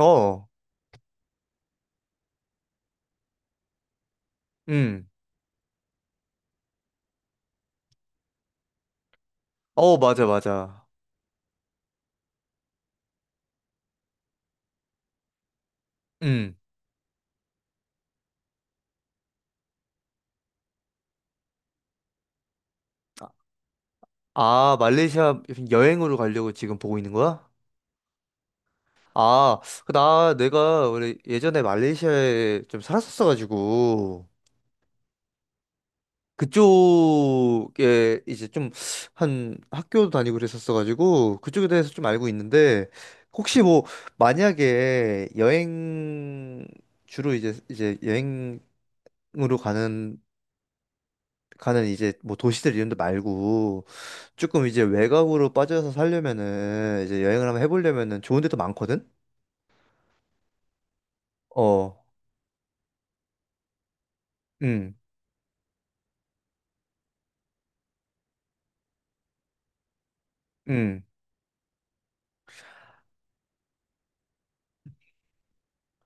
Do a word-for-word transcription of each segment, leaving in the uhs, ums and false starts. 어, 음, 어, 맞아, 맞아. 음, 아, 말레이시아 여행으로 가려고 지금 보고 있는 거야? 아, 그 나, 내가 원래 예전에 말레이시아에 좀 살았었어가지고, 그쪽에 이제 좀 한 학교도 다니고 그랬었어가지고, 그쪽에 대해서 좀 알고 있는데, 혹시 뭐, 만약에 여행, 주로 이제, 이제 여행으로 가는, 가는 이제 뭐 도시들 이런 데 말고, 조금 이제 외곽으로 빠져서 살려면은 이제 여행을 한번 해보려면은 좋은 데도 많거든? 어, 음, 음,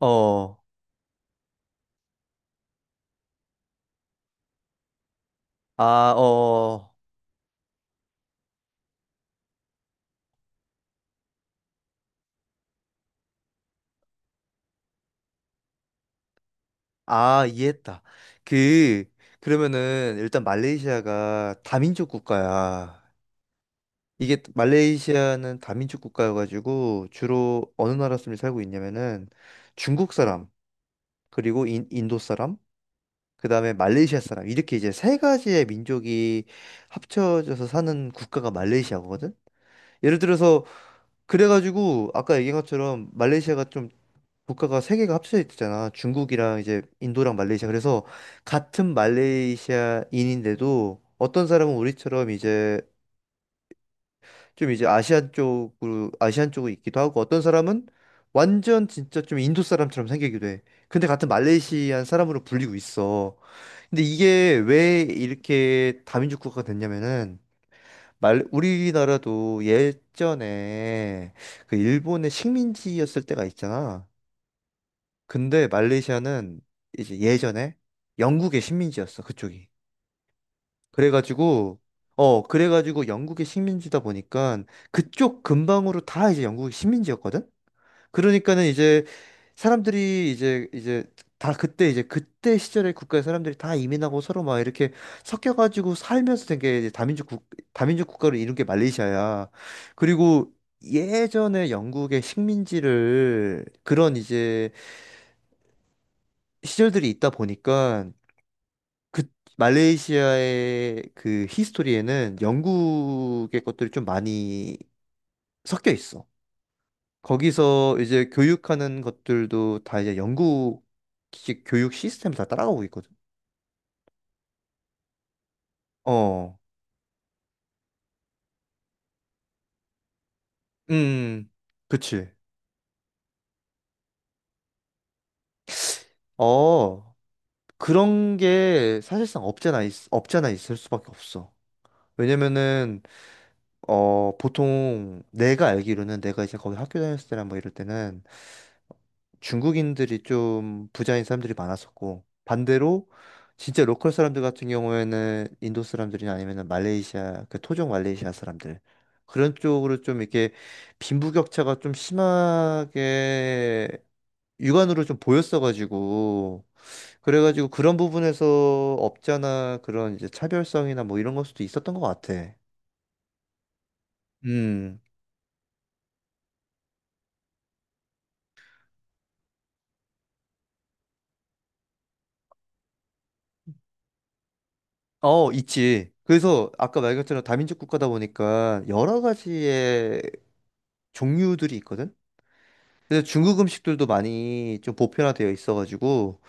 어, 아, 어, 아, 이해했다. 그, 그러면은 일단 말레이시아가 다민족 국가야. 이게 말레이시아는 다민족 국가여가지고 주로 어느 나라 사람이 살고 있냐면은 중국 사람, 그리고 인, 인도 사람, 그다음에 말레이시아 사람 이렇게 이제 세 가지의 민족이 합쳐져서 사는 국가가 말레이시아거든. 예를 들어서 그래가지고 아까 얘기한 것처럼 말레이시아가 좀 국가가 세 개가 합쳐져 있잖아. 중국이랑 이제 인도랑 말레이시아. 그래서 같은 말레이시아인인데도 어떤 사람은 우리처럼 이제 좀 이제 아시안 쪽으로 아시안 쪽으로 있기도 하고 어떤 사람은 완전 진짜 좀 인도 사람처럼 생기기도 해. 근데 같은 말레이시안 사람으로 불리고 있어. 근데 이게 왜 이렇게 다민족 국가가 됐냐면은 말 우리나라도 예전에 그 일본의 식민지였을 때가 있잖아. 근데 말레이시아는 이제 예전에 영국의 식민지였어, 그쪽이. 그래가지고 어, 그래가지고 영국의 식민지다 보니까 그쪽 근방으로 다 이제 영국의 식민지였거든. 그러니까는 이제 사람들이 이제 이제 다 그때 이제 그때 시절에 국가의 사람들이 다 이민하고 서로 막 이렇게 섞여가지고 살면서 된 게 이제 다민족 국 다민족 국가를 이룬 게 말레이시아야. 그리고 예전에 영국의 식민지를 그런 이제 시절들이 있다 보니까 그 말레이시아의 그 히스토리에는 영국의 것들이 좀 많이 섞여 있어. 거기서 이제 교육하는 것들도 다 이제 영국식 교육 시스템 다 따라가고 있거든. 어, 음, 그치. 어, 그런 게 사실상 없잖아, 있, 없잖아 있을 수밖에 없어. 왜냐면은, 어, 보통 내가 알기로는 내가 이제 거기 학교 다녔을 때나 뭐 이럴 때는 중국인들이 좀 부자인 사람들이 많았었고 반대로 진짜 로컬 사람들 같은 경우에는 인도 사람들이나 아니면은 말레이시아 그 토종 말레이시아 사람들 그런 쪽으로 좀 이렇게 빈부격차가 좀 심하게 육안으로 좀 보였어가지고 그래가지고 그런 부분에서 업자나 그런 이제 차별성이나 뭐 이런 걸 수도 있었던 것 같아. 음, 어, 있지. 그래서 아까 말 것처럼 다민족 국가다 보니까 여러 가지의 종류들이 있거든. 그래서 중국 음식들도 많이 좀 보편화되어 있어가지고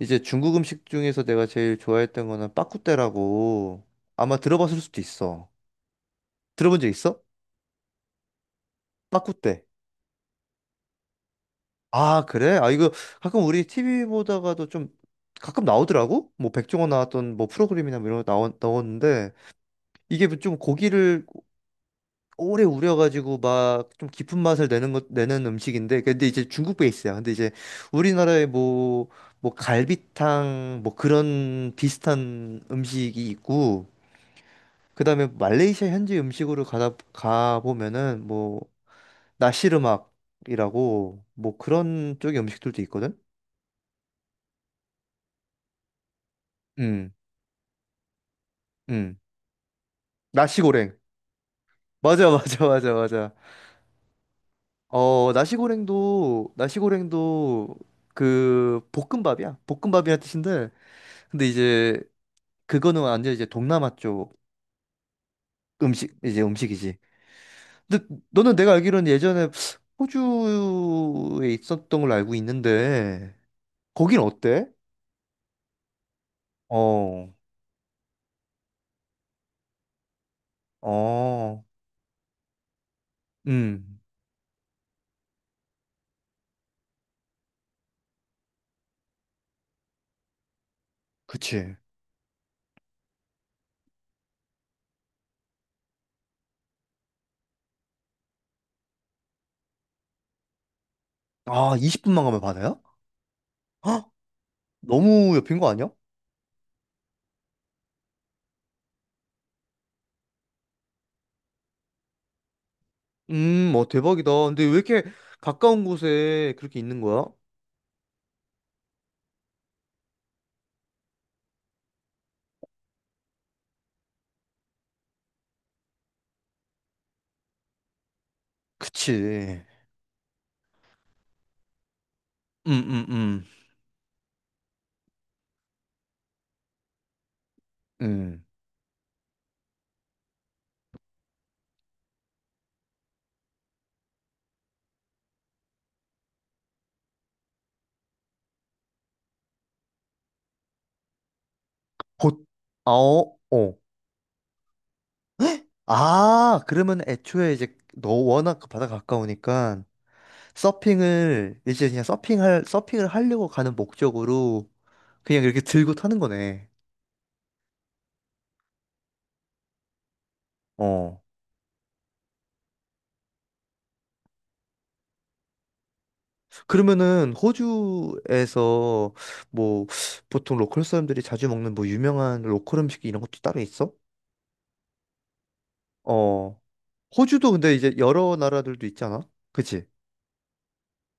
이제 중국 음식 중에서 내가 제일 좋아했던 거는 빠꾸떼라고 아마 들어봤을 수도 있어. 들어본 적 있어? 빠꾸떼. 아, 그래? 아, 이거 가끔 우리 티비 보다가도 좀 가끔 나오더라고? 뭐 백종원 나왔던 뭐 프로그램이나 뭐 이런 거 나왔, 나왔는데 이게 좀 고기를 오래 우려가지고 막 좀 깊은 맛을 내는 것 내는 음식인데 근데 이제 중국 베이스야. 근데 이제 우리나라에 뭐 뭐 갈비탕 뭐 그런 비슷한 음식이 있고 그다음에 말레이시아 현지 음식으로 가다 가 보면은 뭐 나시르막이라고 뭐 그런 쪽의 음식들도 있거든. 음. 음. 나시고랭. 맞아 맞아 맞아 맞아. 어, 나시고랭도 나시고랭도 그 볶음밥이야. 볶음밥이란 뜻인데 근데 이제 그거는 완전 이제 동남아 쪽 음식 이제 음식이지. 근데 너는 내가 알기로는 예전에 호주에 있었던 걸로 알고 있는데 거긴 어때? 어, 어, 음, 그치. 아, 이십 분만 가면 바다야? 헉, 너무 옆인 거 아니야? 음, 어, 대박이다. 근데 왜 이렇게 가까운 곳에 그렇게 있는 거야? 그치. 음, 음, 음. 음. 보, 아, 어, 어. 헉? 아, 그러면 애초에 이제 너 워낙 그 바다 가까우니까 서핑을 이제 그냥 서핑할 서핑을 하려고 가는 목적으로 그냥 이렇게 들고 타는 거네. 어. 그러면은 호주에서 뭐 보통 로컬 사람들이 자주 먹는 뭐 유명한 로컬 음식 이런 것도 따로 있어? 어. 호주도 근데 이제 여러 나라들도 있잖아. 그치?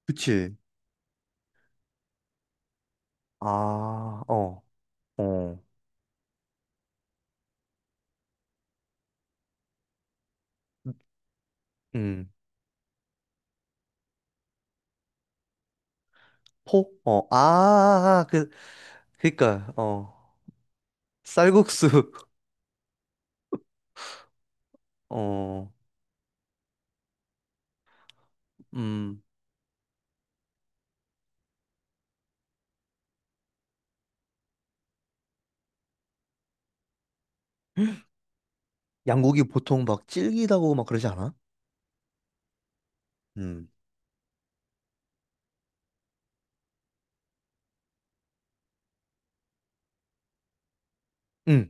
그치? 아, 어. 어. 음. 음. 포? 어, 아, 그, 그니까, 어, 쌀국수, 어, 음, 양고기 보통 막 질기다고 막 그러지 않아? 음, 응.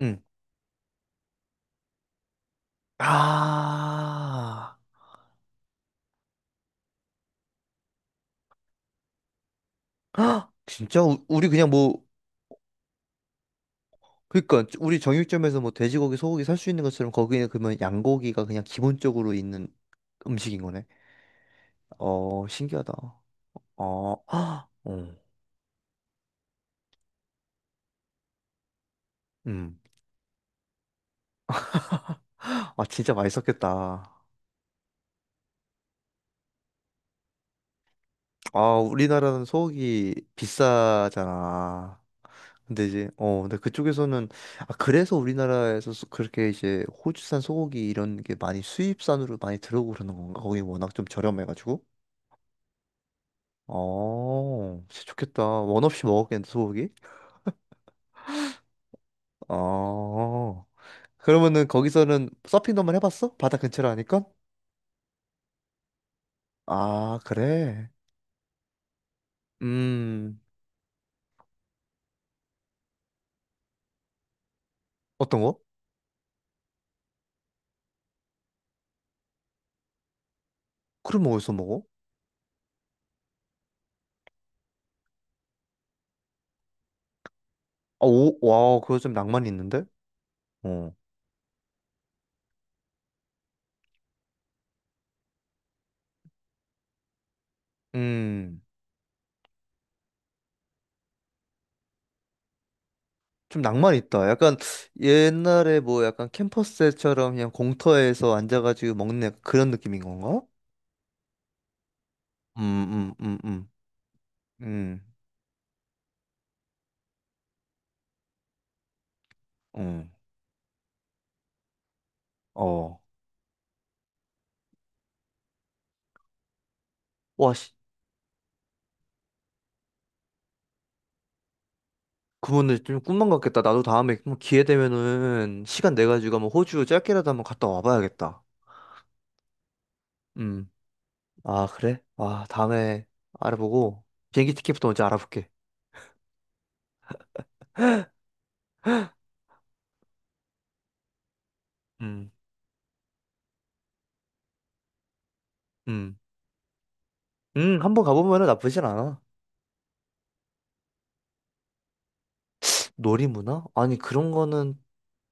응. 아, 진짜? 우- 우리 그냥 뭐, 그니까, 우리 정육점에서 뭐 돼지고기, 소고기 살 수 있는 것처럼 거기는 그러면 양고기가 그냥 기본적으로 있는 음식인 거네? 어, 신기하다. 어, 어, 음. 아, 진짜 맛있었겠다. 아, 우리나라는 소고기 비싸잖아. 근데 이제, 어, 근데 그쪽에서는, 아, 그래서 우리나라에서 소- 그렇게 이제 호주산 소고기 이런 게 많이 수입산으로 많이 들어오고 그러는 건가? 거기 워낙 좀 저렴해가지고. 어, 진짜 좋겠다. 원 없이 먹었겠는데, 소고기? 어, 그러면은 거기서는 서핑도 만 해봤어? 바다 근처로 하니까? 아, 그래? 음, 어떤 거? 크림 어디서 먹어? 아, 오, 와, 그거 좀 낭만이 있는데? 어. 음. 좀 낭만 있다. 약간 옛날에 뭐 약간 캠퍼스처럼 그냥 공터에서 앉아가지고 먹는 약간 그런 느낌인 건가? 음, 음, 음, 음, 음, 음, 어. 와, 씨. 그분들 좀 꿈만 같겠다. 나도 다음에 뭐 기회 되면은 시간 내 가지고 한번 호주 짧게라도 한번 갔다 와봐야겠다. 음. 아, 그래? 아, 다음에 알아보고 비행기 티켓부터 먼저 알아볼게. 음, 음, 음, 한번 가보면은 나쁘진 않아. 놀이문화? 아니, 그런 거는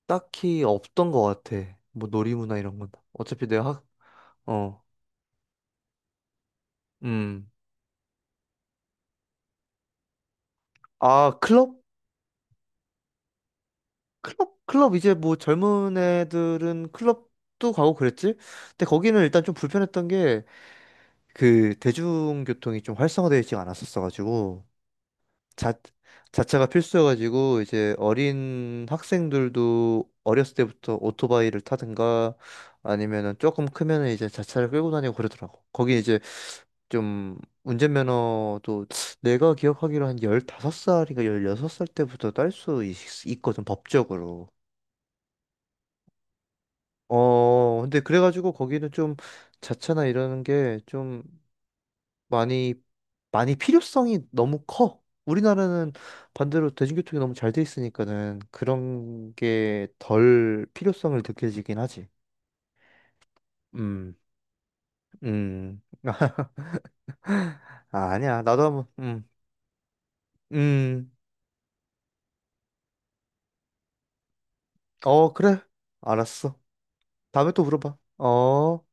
딱히 없던 것 같아. 뭐 놀이문화 이런 건. 어차피 내가 학, 어, 음. 아, 클럽? 클럽? 클럽 이제 뭐 젊은 애들은 클럽도 가고 그랬지? 근데 거기는 일단 좀 불편했던 게 그 대중교통이 좀 활성화되어 있지 않았었어가지고 자, 자차가 필수여가지고 이제 어린 학생들도 어렸을 때부터 오토바이를 타든가 아니면은 조금 크면은 이제 자차를 끌고 다니고 그러더라고. 거기 이제 좀 운전면허도 내가 기억하기로 한 열다섯 살인가 열여섯 살 때부터 딸 수 있거든, 법적으로. 어, 근데 그래가지고 거기는 좀 자차나 이러는 게 좀 많이, 많이 필요성이 너무 커. 우리나라는 반대로 대중교통이 너무 잘 돼 있으니까는 그런 게 덜 필요성을 느껴지긴 하지. 음, 음. 아, 아니야. 나도 한번, 음, 음. 어, 그래. 알았어. 다음에 또 물어봐. 어.